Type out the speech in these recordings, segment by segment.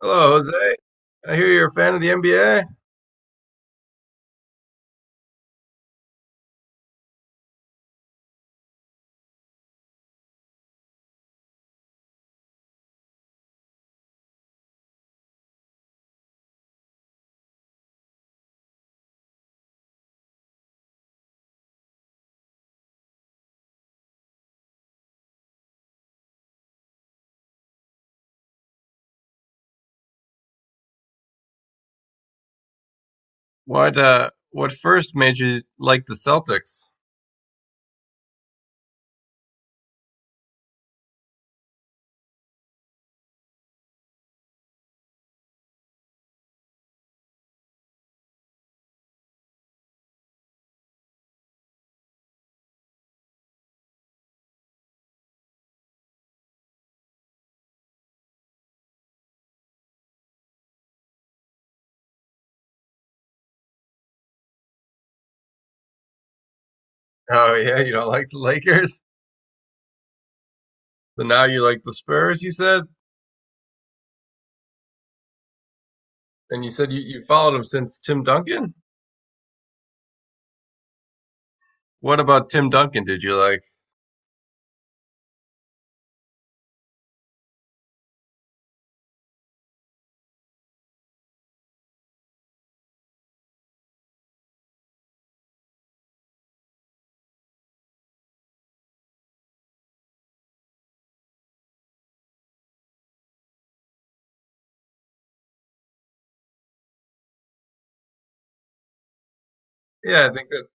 Hello, Jose. I hear you're a fan of the NBA. What first made you like the Celtics? Oh yeah, you don't like the Lakers? But now you like the Spurs, you said? And you said you followed them since Tim Duncan? What about Tim Duncan did you like? Yeah,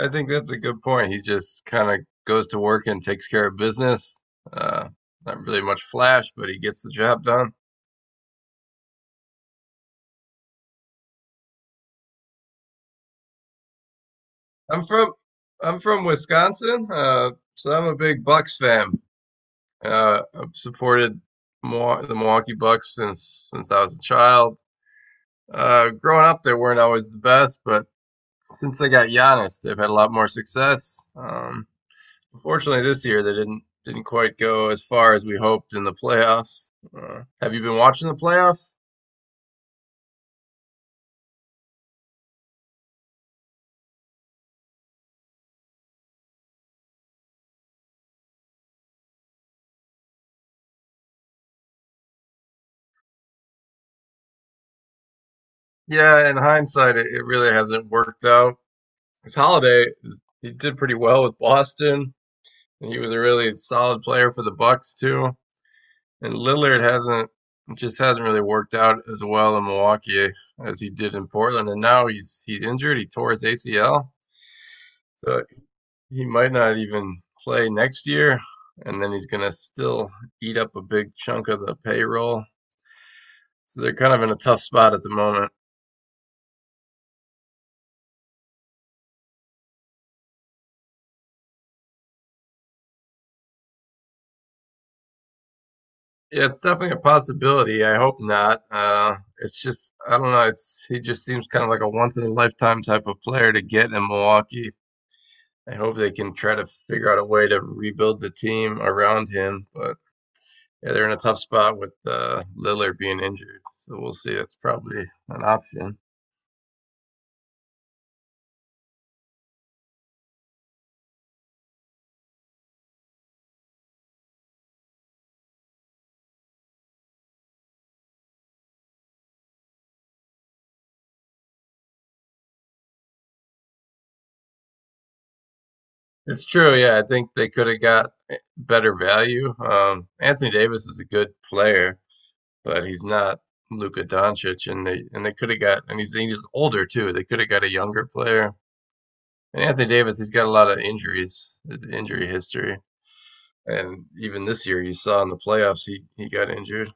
I think that's a good point. He just kind of goes to work and takes care of business. Uh Not really much flash, but he gets the job done. I'm from I'm from Wisconsin, so I'm a big Bucks fan. I've supported the Milwaukee Bucks since I was a child. Growing up, they weren't always the best, but since they got Giannis, they've had a lot more success. Unfortunately, this year they didn't quite go as far as we hoped in the playoffs. Have you been watching the playoffs? Yeah, in hindsight, it really hasn't worked out. His Holiday, he did pretty well with Boston, and he was a really solid player for the Bucks too. And Lillard hasn't just hasn't really worked out as well in Milwaukee as he did in Portland. And now he's injured. He tore his ACL, so he might not even play next year. And then he's gonna still eat up a big chunk of the payroll. So they're kind of in a tough spot at the moment. Yeah, it's definitely a possibility. I hope not. It's just I don't know. It's he just seems kind of like a once in a lifetime type of player to get in Milwaukee. I hope they can try to figure out a way to rebuild the team around him. But yeah, they're in a tough spot with Lillard being injured, so we'll see. That's probably an option. It's true. Yeah, I think they could have got better value. Anthony Davis is a good player, but he's not Luka Doncic, and they could have got and he's older too. They could have got a younger player. And Anthony Davis, he's got a lot of injuries, injury history, and even this year you saw in the playoffs he got injured.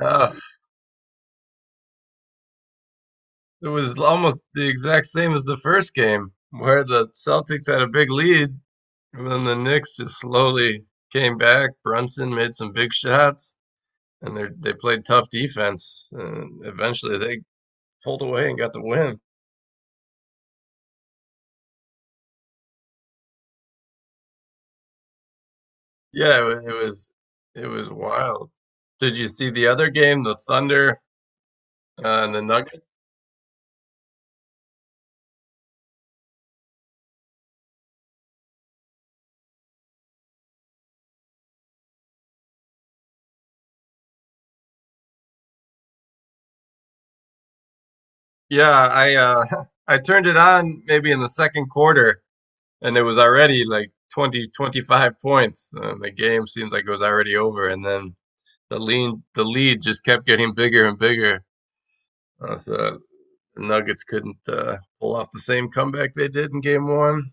Uh, It was almost the exact same as the first game, where the Celtics had a big lead, and then the Knicks just slowly came back. Brunson made some big shots, and they played tough defense, and eventually they pulled away and got the win. Yeah, it was it was wild. Did you see the other game, the Thunder and the Nuggets? Yeah, I I turned it on maybe in the second quarter, and it was already like 20-25 points and the game seems like it was already over and then the lead just kept getting bigger and bigger, so the nuggets couldn't pull off the same comeback they did in game one.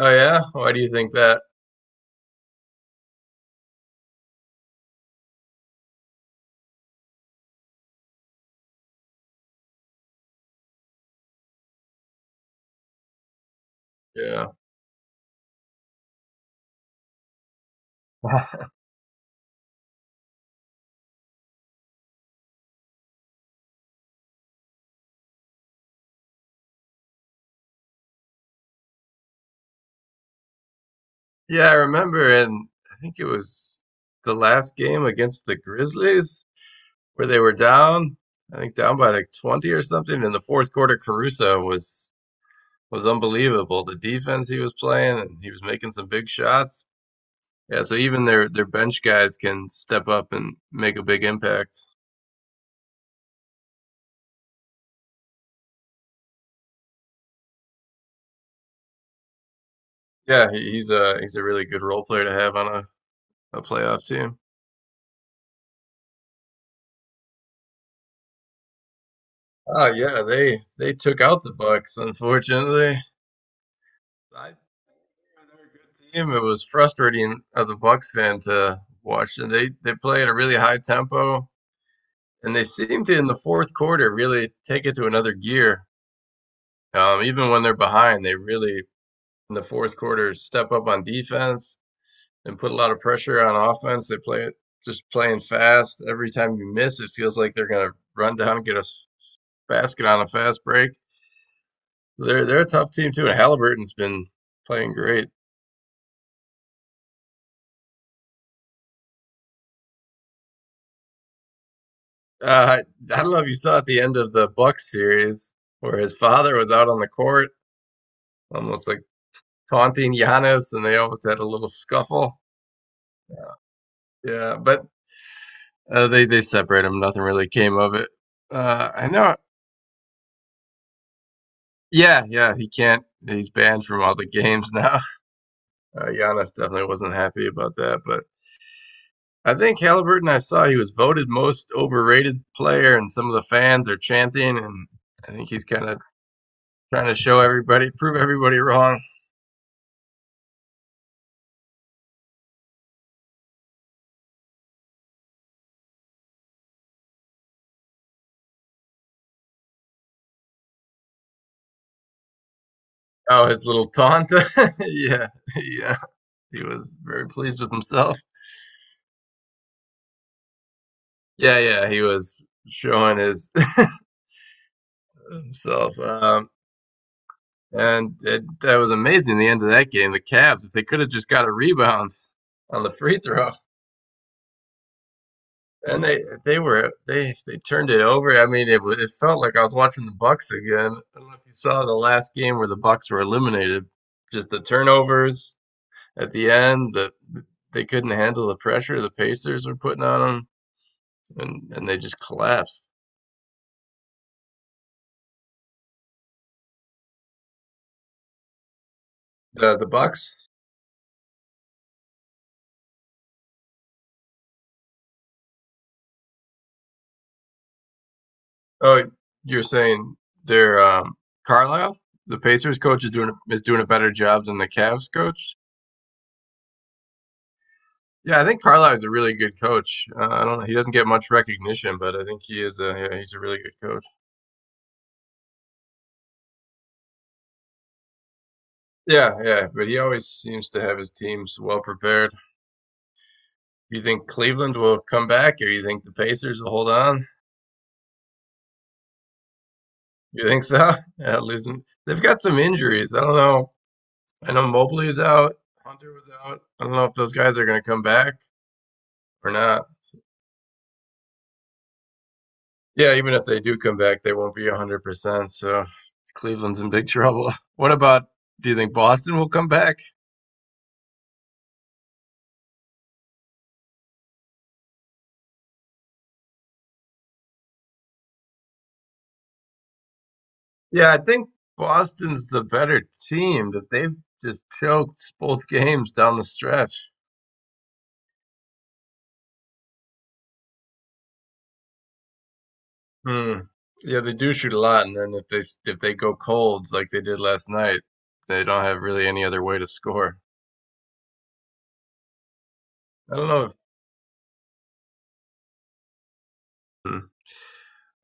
Oh yeah, why do you think that? Yeah. Yeah, I remember, and I think it was the last game against the Grizzlies where they were down, I think down by like 20 or something in the fourth quarter. Caruso was unbelievable. The defense he was playing, and he was making some big shots. Yeah, so even their bench guys can step up and make a big impact. Yeah, he's a really good role player to have on a playoff team. Oh yeah, they took out the Bucks. Unfortunately, I they're a good team. It was frustrating as a Bucks fan to watch. And they play at a really high tempo, and they seem to in the fourth quarter really take it to another gear. Even when they're behind, they really in the fourth quarter step up on defense and put a lot of pressure on offense. They play just playing fast. Every time you miss, it feels like they're going to run down and get a basket on a fast break. They're a tough team too, and Halliburton's been playing great. Uh, I don't know if you saw at the end of the Bucks series where his father was out on the court, almost like taunting Giannis, and they almost had a little scuffle. Yeah, but they separate him. Nothing really came of it. I know. Yeah, yeah, he can't. He's banned from all the games now. Giannis definitely wasn't happy about that, but I think Halliburton. I saw he was voted most overrated player, and some of the fans are chanting, and I think he's kind of trying to show everybody, prove everybody wrong. Oh, his little taunt. Yeah, yeah, he was very pleased with himself. Yeah, yeah, he was showing his himself. And that was amazing. The end of that game, the Cavs, if they could have just got a rebound on the free throw. And they were they turned it over. I mean, it felt like I was watching the Bucks again. I don't know if you saw the last game where the Bucks were eliminated. Just the turnovers at the end, they couldn't handle the pressure the Pacers were putting on them, and they just collapsed. The Bucks? Oh, you're saying they're Carlisle? The Pacers coach is doing a better job than the Cavs coach? Yeah, I think Carlisle is a really good coach. I don't know. He doesn't get much recognition, but I think he is a yeah, he's a really good coach. Yeah, yeah, but he always seems to have his teams well prepared. You think Cleveland will come back, or you think the Pacers will hold on? You think so? Yeah, losing. They've got some injuries. I don't know. I know Mobley is out. Hunter was out. I don't know if those guys are going to come back or not. Yeah, even if they do come back, they won't be 100%. So Cleveland's in big trouble. What about, do you think Boston will come back? Yeah, I think Boston's the better team, but they've just choked both games down the stretch. Hmm. Yeah, they do shoot a lot, and then if they go cold like they did last night, they don't have really any other way to score. I don't know. If, hmm.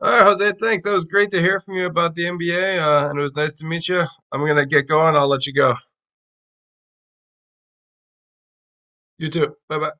All right, Jose, thanks. That was great to hear from you about the NBA, and it was nice to meet you. I'm gonna get going. I'll let you go. You too. Bye bye.